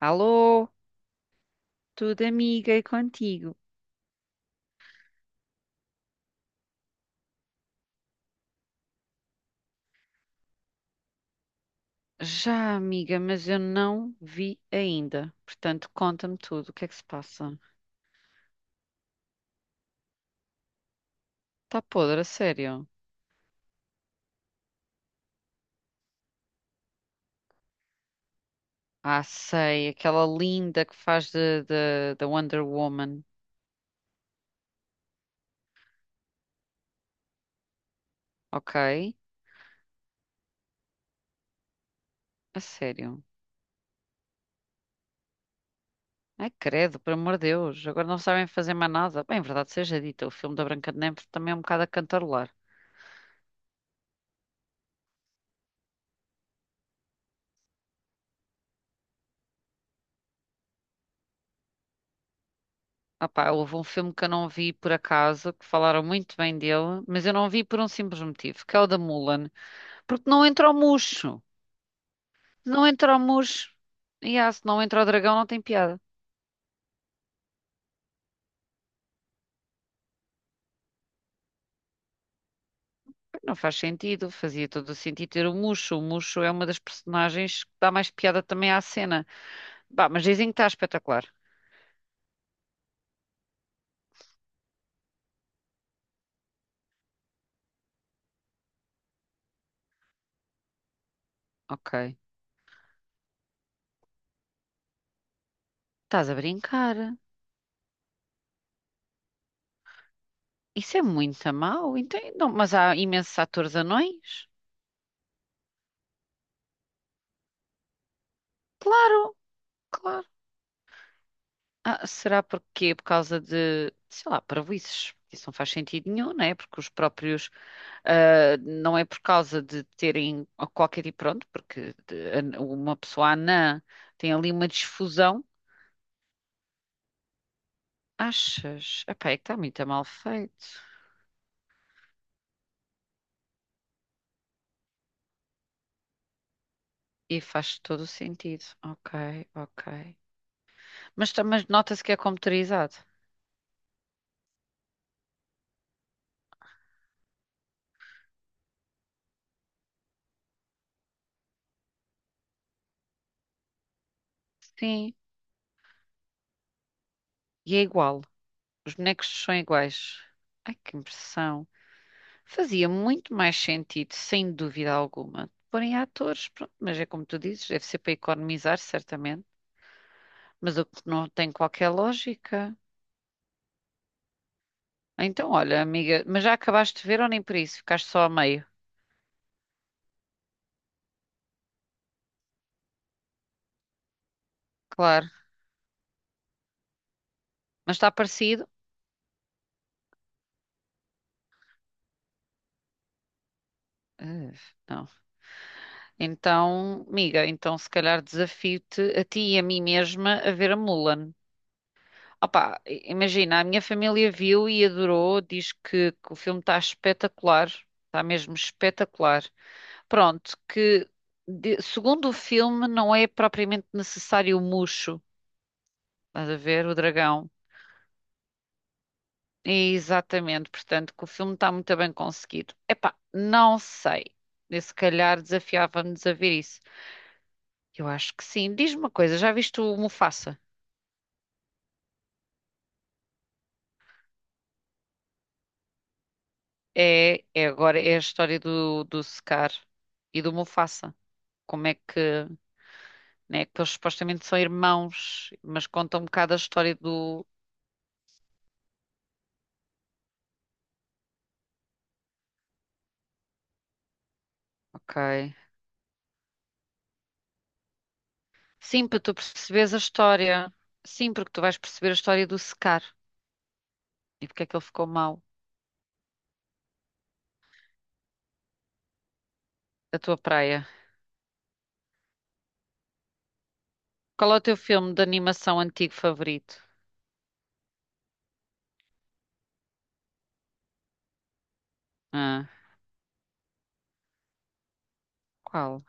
Alô, tudo amiga e contigo? Já, amiga, mas eu não vi ainda. Portanto, conta-me tudo, o que é que se passa? Tá podre, a sério? Ah, sei, aquela linda que faz da Wonder Woman, ok? A sério. Ai, credo, por amor de Deus, agora não sabem fazer mais nada. Bem, verdade seja dita, o filme da Branca de Neve também é um bocado a cantarolar. Ah pá, houve um filme que eu não vi por acaso, que falaram muito bem dele, mas eu não vi por um simples motivo, que é o da Mulan. Porque não entra o Muxo. Se não entra o Muxo. E ah, se não entra o dragão, não tem piada. Não faz sentido. Fazia todo o sentido ter o Muxo. O Muxo é uma das personagens que dá mais piada também à cena. Bah, mas dizem que está espetacular. Ok. Estás a brincar. Isso é muito mau. Então, não, mas há imensos atores anões? Claro, claro. Ah, será porque por causa de, sei lá, parvoíces. Isso não faz sentido nenhum, não é? Porque os próprios, ah, não é por causa de terem qualquer tipo, pronto, uma pessoa anã tem ali uma difusão. Achas? Epá, é que está muito mal feito. E faz todo o sentido. Ok, ok. Mas, mas nota-se que é computarizado. Sim, e é igual. Os bonecos são iguais. Ai, que impressão. Fazia muito mais sentido, sem dúvida alguma, porem atores, pronto, mas é como tu dizes, deve ser para economizar, certamente, mas o que não tem qualquer lógica. Então, olha, amiga, mas já acabaste de ver ou nem por isso? Ficaste só a meio? Claro, mas está parecido? Eh, não. Então, amiga, então se calhar desafio-te a ti e a mim mesma a ver a Mulan. Opa, imagina, a minha família viu e adorou, diz que o filme está espetacular, está mesmo espetacular. Pronto, que segundo o filme não é propriamente necessário o Mushu, estás a ver, o dragão. Exatamente, portanto, que o filme está muito bem conseguido. Epá, não sei. Eu, se calhar desafiava-nos a ver isso. Eu acho que sim. Diz-me uma coisa, já viste o Mufasa? É, é agora é a história do Scar e do Mufasa. Como é que, né, que eles supostamente são irmãos, mas conta um bocado a história do. Ok. Sim, para tu perceberes a história. Sim, porque tu vais perceber a história do secar e porque é que ele ficou mau. A tua praia. Qual é o teu filme de animação antigo favorito? Ah, qual?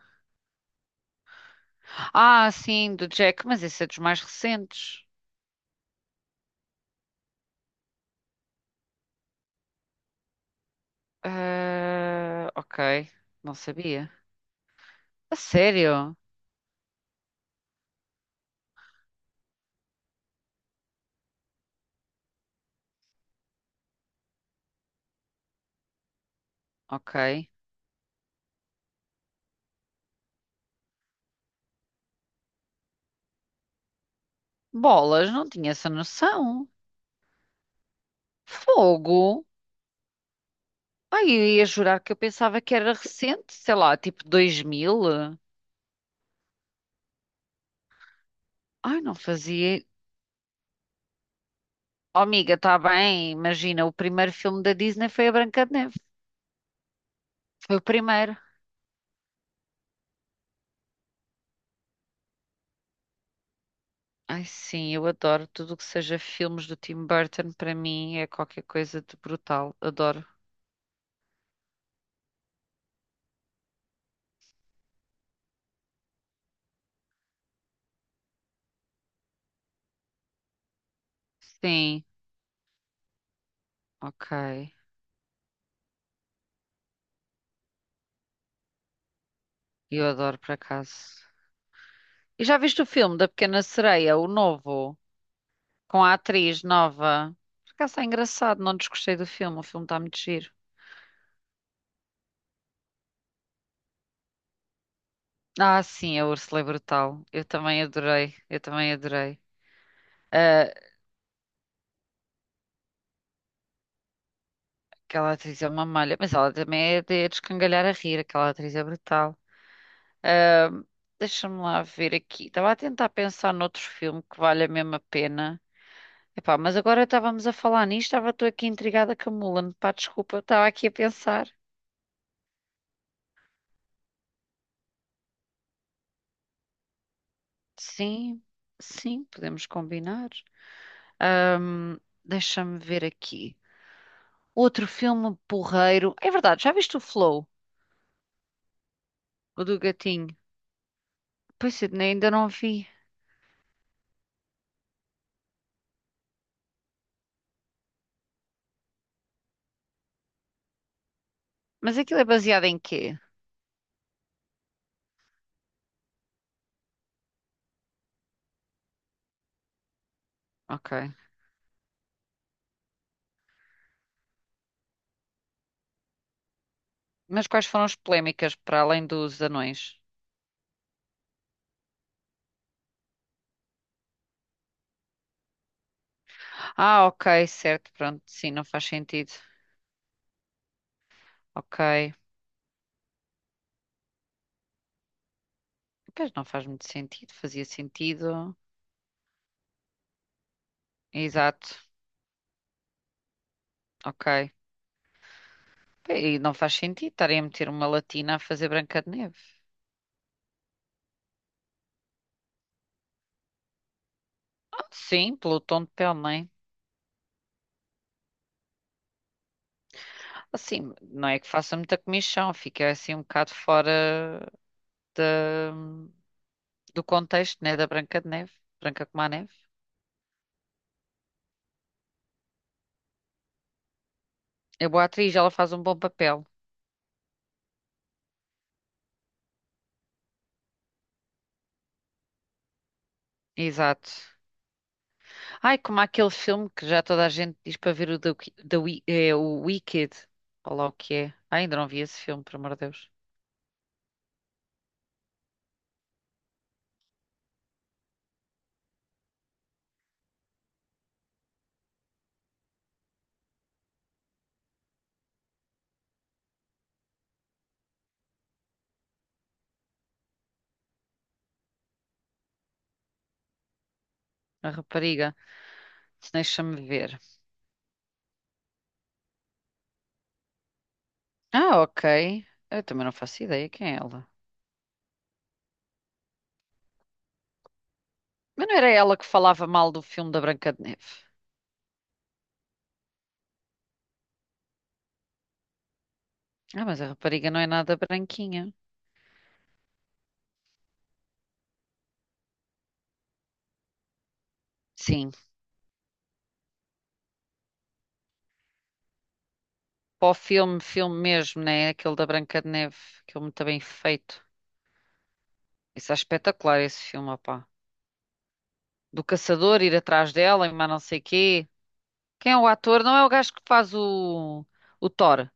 Ah, sim, do Jack, mas esse é dos mais recentes. Ah, ok, não sabia. A sério? Ok. Bolas, não tinha essa noção. Fogo? Ai, eu ia jurar que eu pensava que era recente, sei lá, tipo 2000. Ai, não fazia. Oh, amiga, está bem. Imagina, o primeiro filme da Disney foi a Branca de Neve. Foi o primeiro. Ai, sim, eu adoro tudo o que seja filmes do Tim Burton. Para mim é qualquer coisa de brutal. Adoro. Sim, ok. Eu adoro, por acaso. E já viste o filme da Pequena Sereia, o novo, com a atriz nova? Por acaso está engraçado, não desgostei do filme. O filme está muito giro. Ah, sim, a Úrsula é brutal. Eu também adorei. Eu também adorei. Ah, aquela atriz é uma malha, mas ela também é de descangalhar a rir, aquela atriz é brutal. Ahm, Deixa-me lá ver aqui. Estava a tentar pensar noutro filme que vale a mesma pena. Epá, mas agora estávamos a falar nisto, estava tu aqui intrigada com a Mulan. Pá, desculpa, eu estava aqui a pensar. Sim, sim, podemos combinar. Ahm, Deixa-me ver aqui. Outro filme porreiro. É verdade, já viste o Flow? O do gatinho? Pois, Sidney, ainda não vi. Mas aquilo é baseado em quê? Ok. Mas quais foram as polémicas para além dos anões? Ah, ok, certo, pronto, sim, não faz sentido. Ok. Pois não faz muito sentido, fazia sentido. Exato, ok. E não faz sentido estarem a meter uma latina a fazer Branca de Neve. Ah, sim, pelo tom de pele, não é? Assim, não é que faça muita comichão, fica assim um bocado fora da- do contexto, né, da Branca de Neve. Branca como a neve. É boa atriz, ela faz um bom papel. Exato. Ai, como aquele filme que já toda a gente diz para ver o, da, é, o Wicked. Olha lá o que é. Ai, ainda não vi esse filme, por amor de Deus. A rapariga. Deixa-me ver. Ah, ok. Eu também não faço ideia quem é ela. Mas não era ela que falava mal do filme da Branca de Neve. Ah, mas a rapariga não é nada branquinha. Sim. Para o filme, filme mesmo, né? É aquele da Branca de Neve. Aquele muito bem feito. Isso é espetacular, esse filme, opá. Do caçador ir atrás dela e mais não sei quê. Quem é o ator? Não é o gajo que faz o Thor.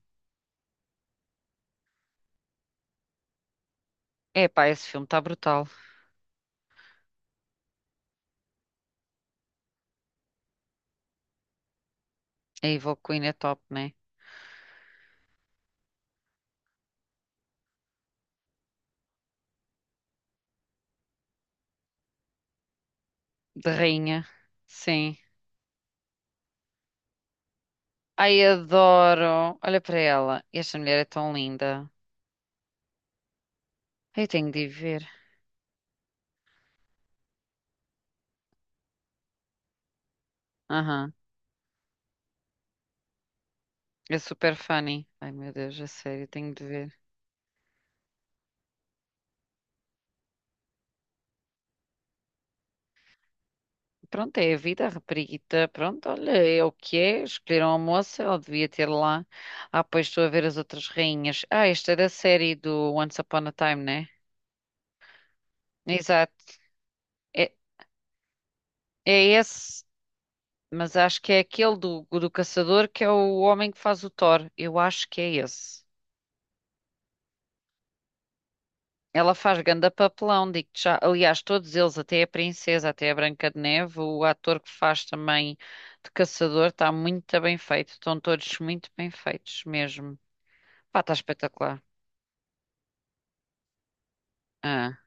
É pá, esse filme está brutal. A Evil Queen é top, né? De rainha. Sim. Ai, adoro. Olha para ela. Esta mulher é tão linda. Eu tenho de ir ver. Aham. É super funny. Ai, meu Deus, a sério, tenho de ver. Pronto, é a vida, a rapariguita. Pronto, olha, é o que é. Escolheram a moça, ela devia ter lá. Ah, pois estou a ver as outras rainhas. Ah, esta é da série do Once Upon a Time, né? Exato. É, é esse. Mas acho que é aquele do caçador que é o homem que faz o Thor. Eu acho que é esse. Ela faz ganda papelão, digo-te já. Aliás, todos eles, até a princesa, até a Branca de Neve, o ator que faz também de caçador, está muito bem feito. Estão todos muito bem feitos mesmo. Pá, está espetacular. Ah,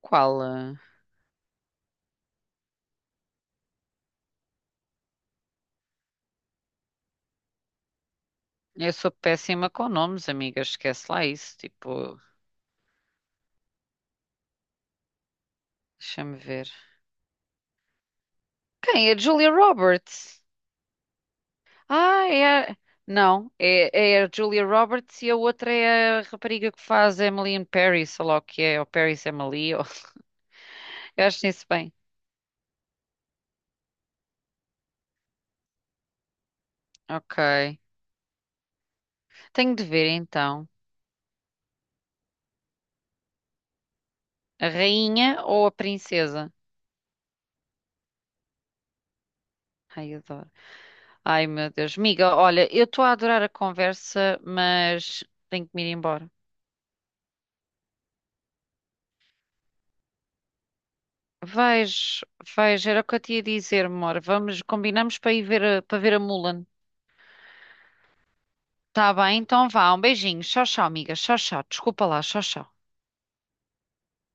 qual? Ah? Eu sou péssima com nomes, amiga. Esquece lá isso. Tipo, deixa-me ver. Quem? A Julia Roberts. Ah, é. a- Não, é, é a Julia Roberts e a outra é a rapariga que faz Emily in Paris, ou lá o que é, ou Paris Emily, ou... eu acho isso bem. Ok. Tenho de ver então. A rainha ou a princesa? Ai, adoro. Ai, meu Deus. Miga, olha, eu estou a adorar a conversa, mas tenho que me ir embora. Vejo, vejo, era o que eu te ia dizer, amor. Vamos, combinamos para ir ver, para ver a Mulan. Tá bem, então vá, um beijinho. Tchau, tchau, amiga. Tchau, tchau. Desculpa lá, tchau, tchau.